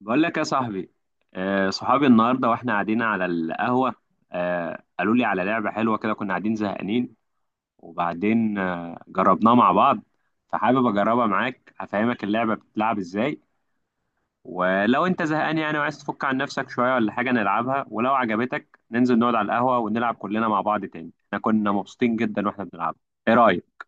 بقول لك يا صاحبي، صحابي النهارده واحنا قاعدين على القهوه. قالوا لي على لعبه حلوه كده، كنا قاعدين زهقانين وبعدين جربناها مع بعض، فحابب اجربها معاك. هفهمك اللعبه بتتلعب ازاي، ولو انت زهقان يعني وعايز تفك عن نفسك شويه ولا حاجه نلعبها، ولو عجبتك ننزل نقعد على القهوه ونلعب كلنا مع بعض تاني. احنا كنا مبسوطين جدا واحنا بنلعبها. ايه رايك؟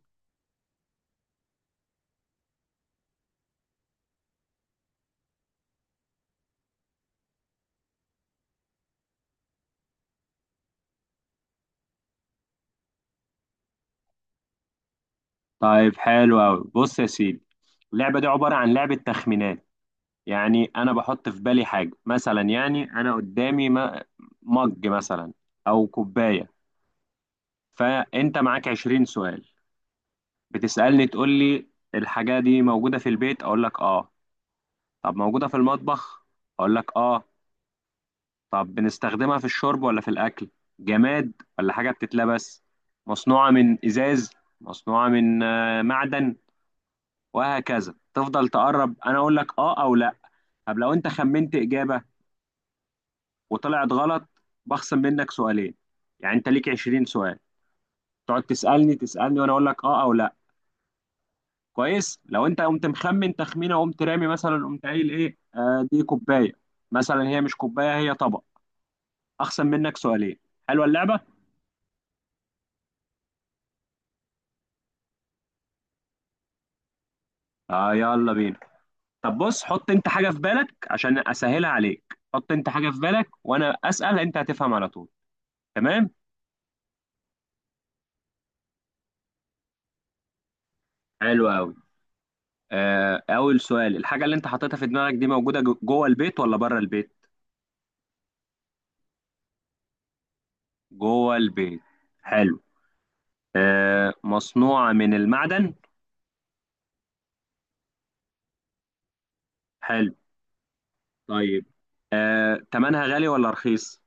طيب حلو قوي، بص يا سيدي. اللعبه دي عباره عن لعبه تخمينات. يعني انا بحط في بالي حاجه مثلا، يعني انا قدامي مج مثلا، او كوبايه. فانت معاك 20 سؤال، بتسالني تقول لي: الحاجه دي موجوده في البيت؟ اقول لك اه. طب موجوده في المطبخ؟ اقول لك اه. طب بنستخدمها في الشرب ولا في الاكل؟ جماد ولا حاجه بتتلبس؟ مصنوعه من ازاز؟ مصنوعه من معدن؟ وهكذا تفضل تقرب، انا اقول لك اه او لا. طب لو انت خمنت اجابه وطلعت غلط، بخصم منك سؤالين. يعني انت ليك 20 سؤال، تقعد تسالني تسالني وانا اقول لك اه او لا. كويس؟ لو انت قمت مخمن تخمينه وقمت رامي مثلا، قمت قايل ايه دي كوبايه مثلا، هي مش كوبايه، هي طبق، اخصم منك سؤالين. حلوه اللعبه. اه، يلا بينا. طب بص، حط انت حاجه في بالك، عشان اسهلها عليك حط انت حاجه في بالك وانا اسال، انت هتفهم على طول. تمام. حلو قوي. اول سؤال: الحاجه اللي انت حطيتها في دماغك دي موجوده جوه البيت ولا بره البيت؟ جوه البيت. حلو. مصنوعة من المعدن؟ حلو. طيب. تمنها غالي ولا رخيص؟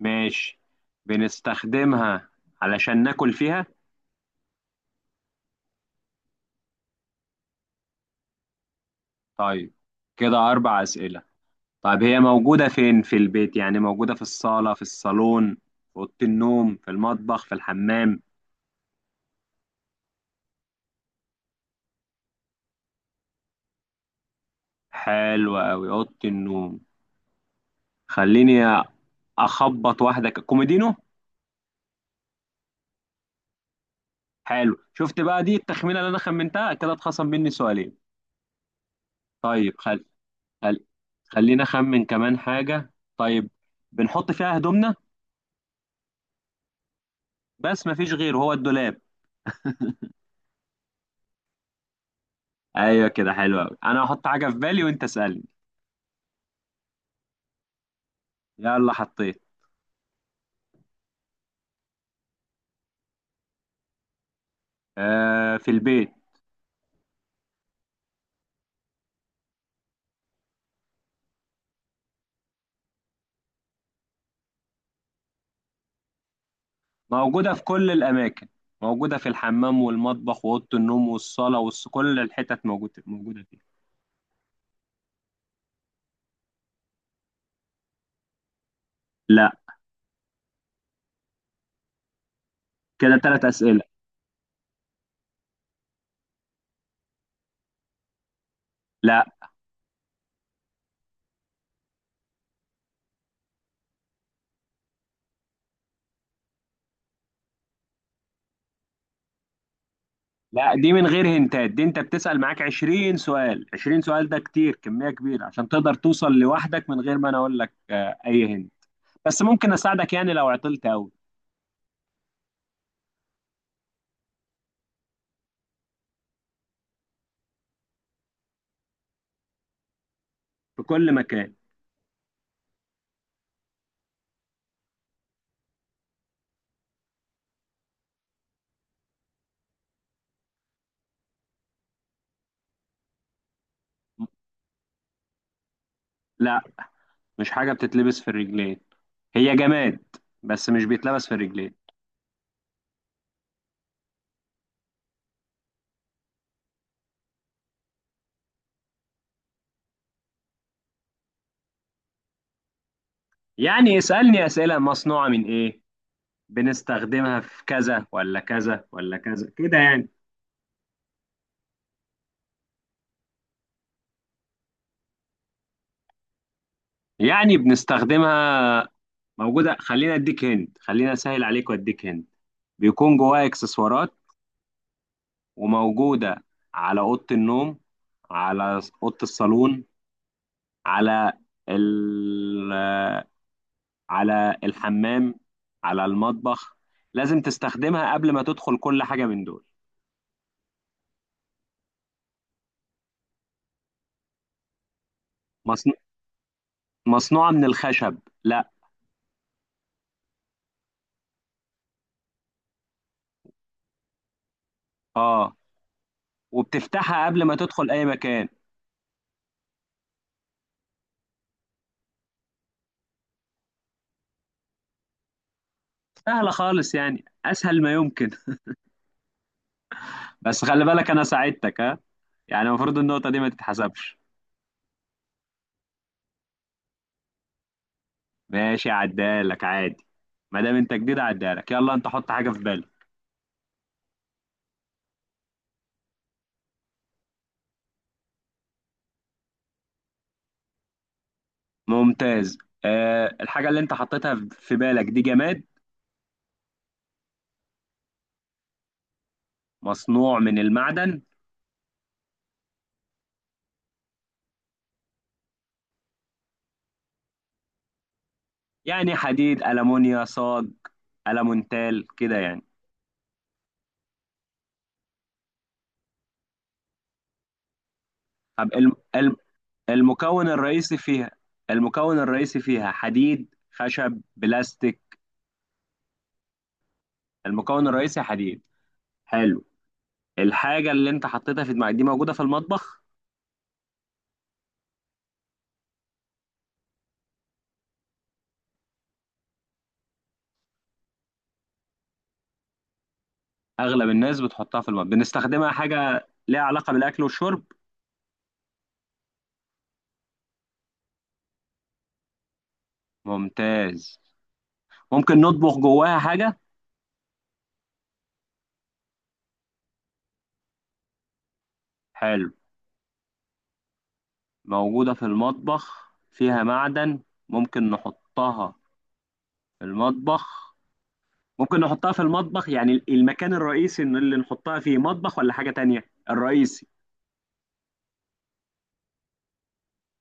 ماشي. بنستخدمها علشان ناكل فيها؟ طيب، كده أربع أسئلة. طيب هي موجودة فين في البيت؟ يعني موجودة في الصالة، في الصالون، في أوضة النوم، في المطبخ، في الحمام؟ حلو أوي، أوضة النوم. خليني أخبط واحدة، كوميدينو. حلو، شفت بقى؟ دي التخمينة اللي أنا خمنتها كده اتخصم مني سؤالين. طيب خل... خلينا اخمن كمان حاجة. طيب بنحط فيها هدومنا؟ بس مفيش غير هو الدولاب. ايوه كده، حلو قوي. انا هحط حاجة في بالي وانت اسألني. يلا حطيت. آه، في البيت. موجودة في كل الاماكن، موجودة في الحمام والمطبخ وأوضة النوم والصالة كل الحتت موجودة فيها. لا. كده ثلاث أسئلة. لا. لا، دي من غير هنتات، دي انت بتسأل معاك 20 سؤال، 20 سؤال ده كتير، كمية كبيرة عشان تقدر توصل لوحدك من غير ما انا اقول لك اي هنت. بس ممكن اساعدك يعني لو عطلت قوي. في كل مكان. لا، مش حاجه بتتلبس في الرجلين، هي جماد بس مش بيتلبس في الرجلين. يعني اسالني اسئله: مصنوعه من ايه؟ بنستخدمها في كذا ولا كذا ولا كذا، كده يعني. يعني بنستخدمها، موجوده. خلينا اديك هند، خلينا اسهل عليك واديك هند. بيكون جواها اكسسوارات، وموجوده على اوضه النوم، على اوضه الصالون، على ال- على الحمام، على المطبخ. لازم تستخدمها قبل ما تدخل كل حاجة من دول. مصن... مصنوعة من الخشب؟ لا. اه، وبتفتحها قبل ما تدخل أي مكان. سهلة خالص يعني، أسهل ما يمكن. بس خلي بالك أنا ساعدتك ها، يعني المفروض النقطة دي ما تتحسبش. ماشي، عدالك عادي. ما دام أنت جديد عدالك، يلا أنت حط حاجة في بالك. ممتاز. الحاجة اللي أنت حطيتها في بالك دي جماد؟ مصنوع من المعدن؟ يعني حديد، ألمونيا، صاج، ألمونتال، كده يعني. طب المكون الرئيسي فيها، المكون الرئيسي فيها حديد، خشب، بلاستيك؟ المكون الرئيسي حديد. حلو. الحاجة اللي انت حطيتها في دماغك دي موجودة في المطبخ؟ أغلب الناس بتحطها في المطبخ. بنستخدمها حاجة ليها علاقة بالأكل والشرب؟ ممتاز. ممكن نطبخ جواها حاجة؟ حلو. موجودة في المطبخ، فيها معدن، ممكن نحطها في المطبخ. ممكن نحطها في المطبخ، يعني المكان الرئيسي إن اللي نحطها فيه مطبخ ولا حاجة تانية؟ الرئيسي.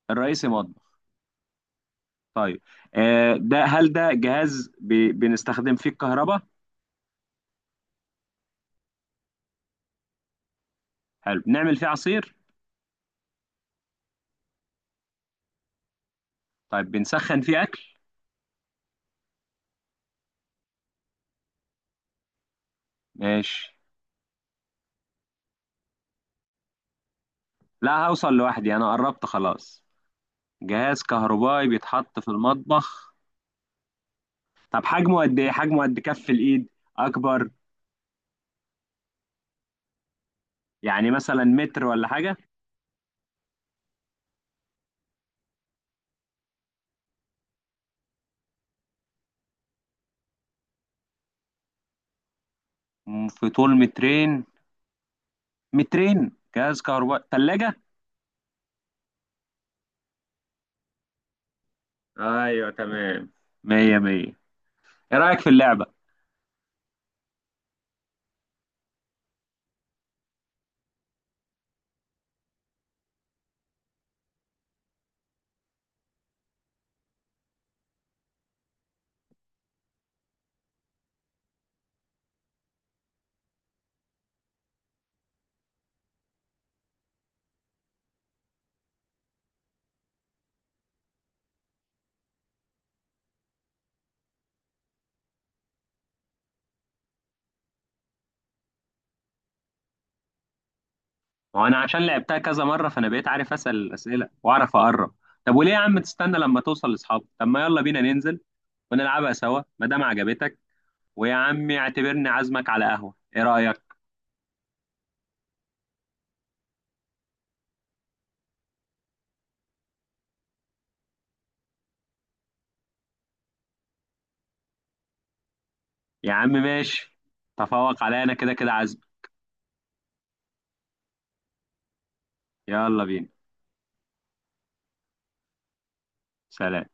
الرئيسي مطبخ. طيب. ده هل ده جهاز بنستخدم فيه الكهرباء؟ حلو. نعمل فيه عصير؟ طيب، بنسخن فيه أكل؟ ماشي. لا، هوصل لوحدي، أنا قربت خلاص. جهاز كهربائي بيتحط في المطبخ. طب حجمه قد إيه؟ حجمه قد كف الإيد؟ أكبر؟ يعني مثلا متر ولا حاجة؟ في طول مترين؟ مترين، جهاز كهربائي، تلاجة. ايوه تمام. مية مية. ايه رأيك في اللعبة؟ وانا عشان لعبتها كذا مرة، فانا بقيت عارف اسأل الأسئلة واعرف اقرب. طب وليه يا عم تستنى لما توصل لاصحابك؟ طب ما يلا بينا ننزل ونلعبها سوا ما دام عجبتك. ويا عم اعتبرني عازمك على قهوة، ايه رأيك؟ يا عم ماشي، تفوق عليا انا كده كده عازم. يلا بينا. سلام.